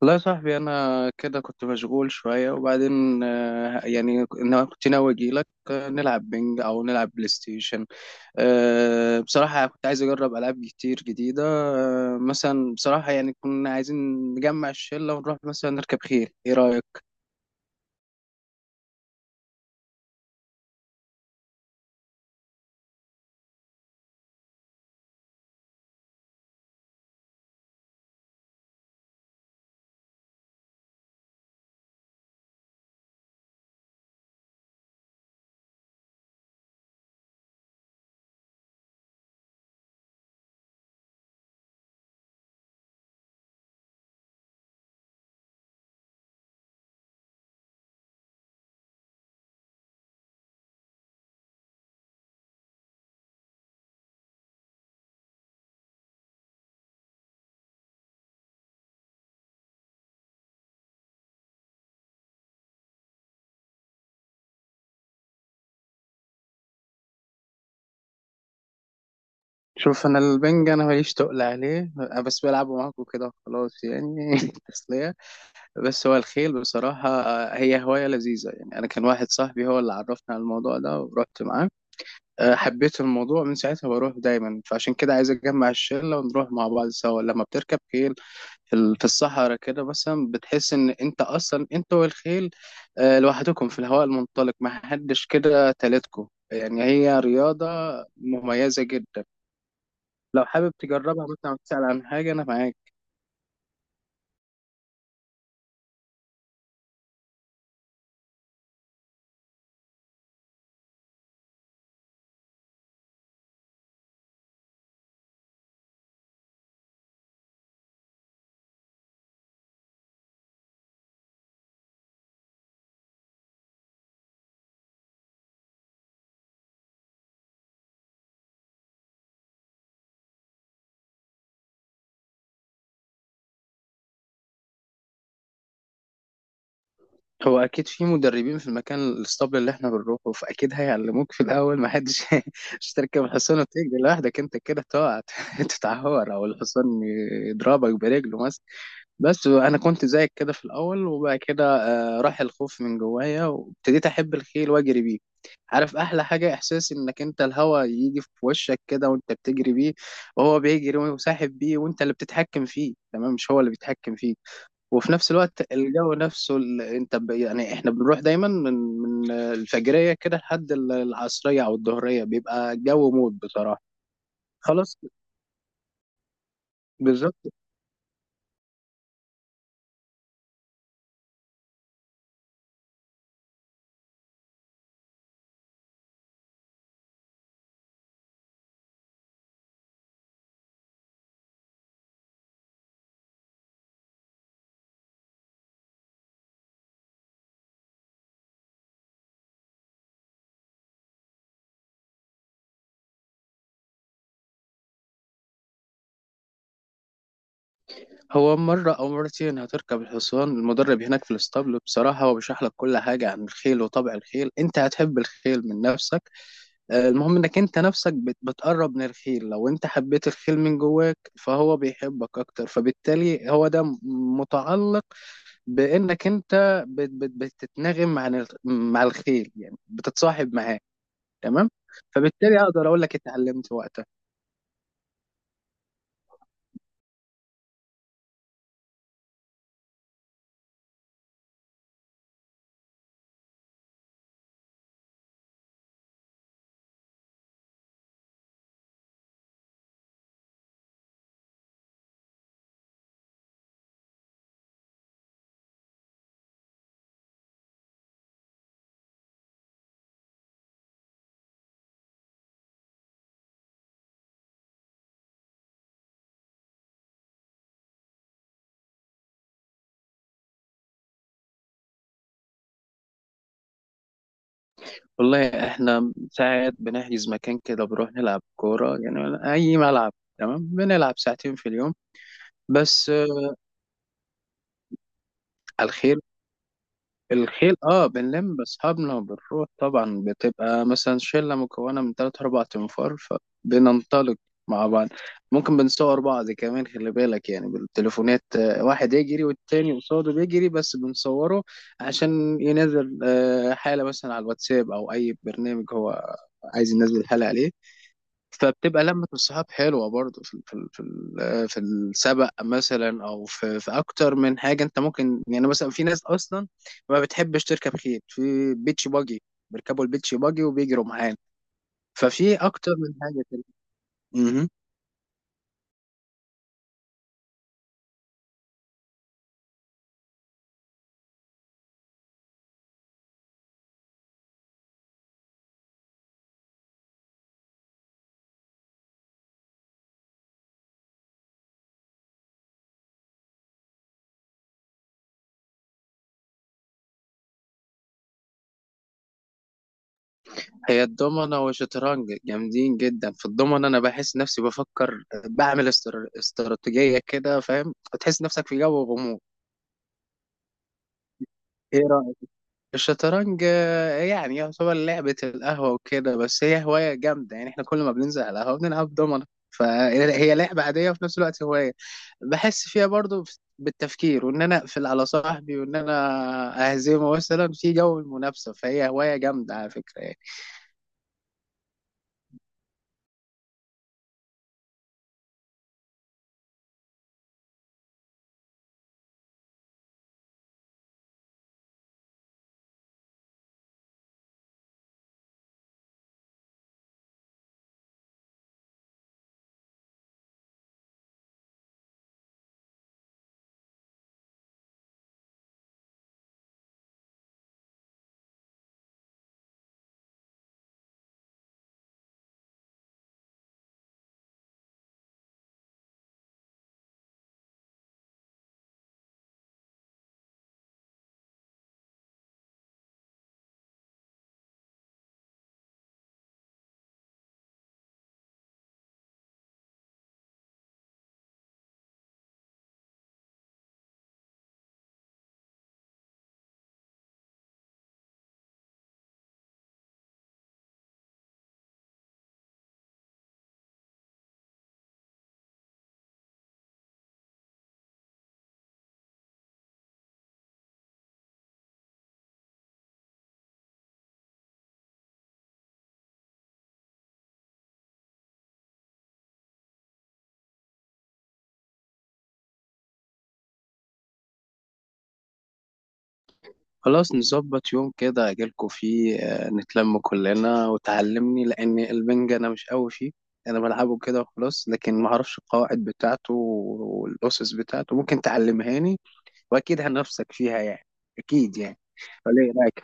والله يا صاحبي انا كده كنت مشغول شويه وبعدين، يعني انا كنت ناوي اجي لك، نلعب بينج او نلعب بلاي ستيشن. بصراحه يعني كنت عايز اجرب العاب كتير جديده. مثلا بصراحه يعني كنا عايزين نجمع الشله ونروح مثلا نركب خيل، ايه رايك؟ شوف، انا البنج انا ماليش تقل عليه، أنا بس بلعبه معاكم كده خلاص يعني تسليه. بس هو الخيل بصراحه هي هوايه لذيذه، يعني انا كان واحد صاحبي هو اللي عرفني على الموضوع ده ورحت معاه. حبيت الموضوع من ساعتها، بروح دايما، فعشان كده عايز اجمع الشله ونروح مع بعض سوا. لما بتركب خيل في الصحراء كده مثلا بتحس ان انت اصلا انت والخيل لوحدكم في الهواء المنطلق، ما حدش كده تالتكم. يعني هي رياضه مميزه جدا. لو حابب تجربها مثلا أو تسأل عن حاجه انا معاك. هو اكيد في مدربين في المكان الاسطبل اللي احنا بنروحه، فاكيد هيعلموك في الاول. ما حدش مش تركب الحصان وتجري لوحدك، انت كده تقع تتعور او الحصان يضربك برجله مثلا. بس انا كنت زيك كده في الاول، وبعد كده راح الخوف من جوايا وابتديت احب الخيل واجري بيه. عارف احلى حاجه؟ احساس انك انت الهوا يجي في وشك كده وانت بتجري بيه، وهو بيجري وساحب بيه وانت اللي بتتحكم فيه تمام، مش هو اللي بيتحكم فيك. وفي نفس الوقت الجو نفسه، انت يعني احنا بنروح دايما من الفجريه كده لحد العصريه او الظهريه، بيبقى الجو موت بصراحه. خلاص. بالظبط. هو مرة أو مرتين هتركب الحصان، المدرب هناك في الاسطبل بصراحة هو بيشرح لك كل حاجة عن الخيل وطبع الخيل، أنت هتحب الخيل من نفسك. المهم إنك أنت نفسك بتقرب من الخيل، لو أنت حبيت الخيل من جواك فهو بيحبك أكتر، فبالتالي هو ده متعلق بانك انت بتتناغم مع الخيل، يعني بتتصاحب معاه تمام. فبالتالي اقدر اقول لك اتعلمت وقتها. والله احنا ساعات بنحجز مكان كده بنروح نلعب كوره، يعني اي ملعب تمام بنلعب ساعتين في اليوم. بس الخيل الخيل اه بنلم بأصحابنا وبنروح طبعا، بتبقى مثلا شلة مكونة من تلات أربع تنفار، فبننطلق مع بعض. ممكن بنصور بعض كمان، خلي بالك يعني بالتليفونات. واحد يجري والتاني قصاده بيجري بس بنصوره عشان ينزل حالة مثلا على الواتساب أو أي برنامج هو عايز ينزل حالة عليه. فبتبقى لمة الصحاب حلوة برضه، في السبق مثلا، أو في أكتر من حاجة. أنت ممكن يعني مثلا في ناس أصلا ما بتحبش تركب خيل، في بيتش باجي، بيركبوا البيتش باجي وبيجروا معانا. ففي أكتر من حاجة كده مهم. هي الضمنة والشطرنج جامدين جدا. في الضمنة أنا بحس نفسي بفكر، بعمل استراتيجية كده، فاهم، تحس نفسك في جو غموض. إيه رأيك؟ الشطرنج يعني يعتبر لعبة القهوة وكده، بس هي هواية جامدة. يعني احنا كل ما بننزل على القهوة بنلعب دومنة، فهي لعبة عادية وفي نفس الوقت هواية بحس فيها برضو بالتفكير، وان انا اقفل على صاحبي وان انا اهزمه مثلا في جو المنافسة، فهي هواية جامدة على فكرة يعني. خلاص نظبط يوم كده اجيلكوا فيه، نتلم كلنا وتعلمني، لان البنج انا مش قوي فيه. انا بلعبه كده وخلاص، لكن ما اعرفش القواعد بتاعته والاسس بتاعته، ممكن تعلمهاني واكيد هنفسك فيها يعني. اكيد يعني، ولا ايه رايك؟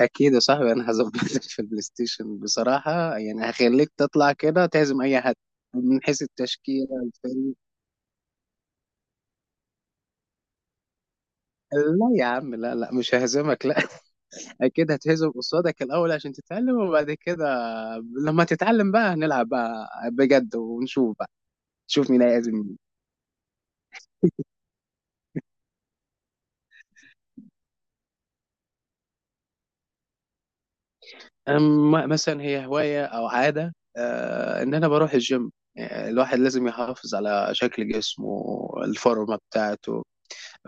اكيد يا صاحبي، انا هظبطك في البلاي ستيشن بصراحه، يعني هخليك تطلع كده تهزم اي حد من حيث التشكيله الفريق. لا يا عم، لا، لا، مش ههزمك، لا اكيد هتهزم قصادك الاول عشان تتعلم، وبعد كده لما تتعلم بقى هنلعب بقى بجد، ونشوف بقى، نشوف مين هيهزم مين. اما مثلا هي هوايه او عاده، آه ان انا بروح الجيم. الواحد لازم يحافظ على شكل جسمه، الفورمة بتاعته،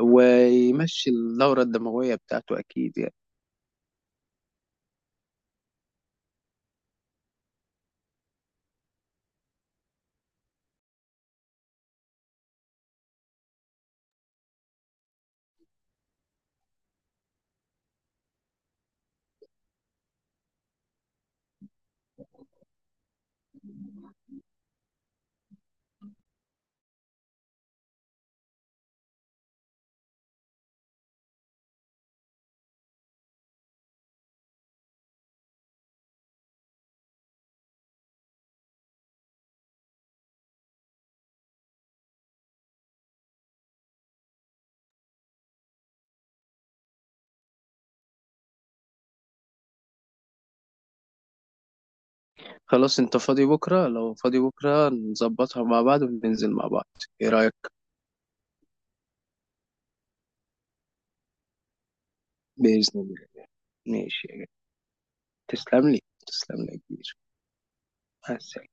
ويمشي الدورة الدموية بتاعته، أكيد يعني. خلاص أنت فاضي بكرة؟ لو فاضي بكرة نظبطها مع بعض وننزل مع بعض. إيه رأيك؟ بإذن الله. ماشي يا جدع. تسلم لي. تسلم لي يا كبير. مع السلامة.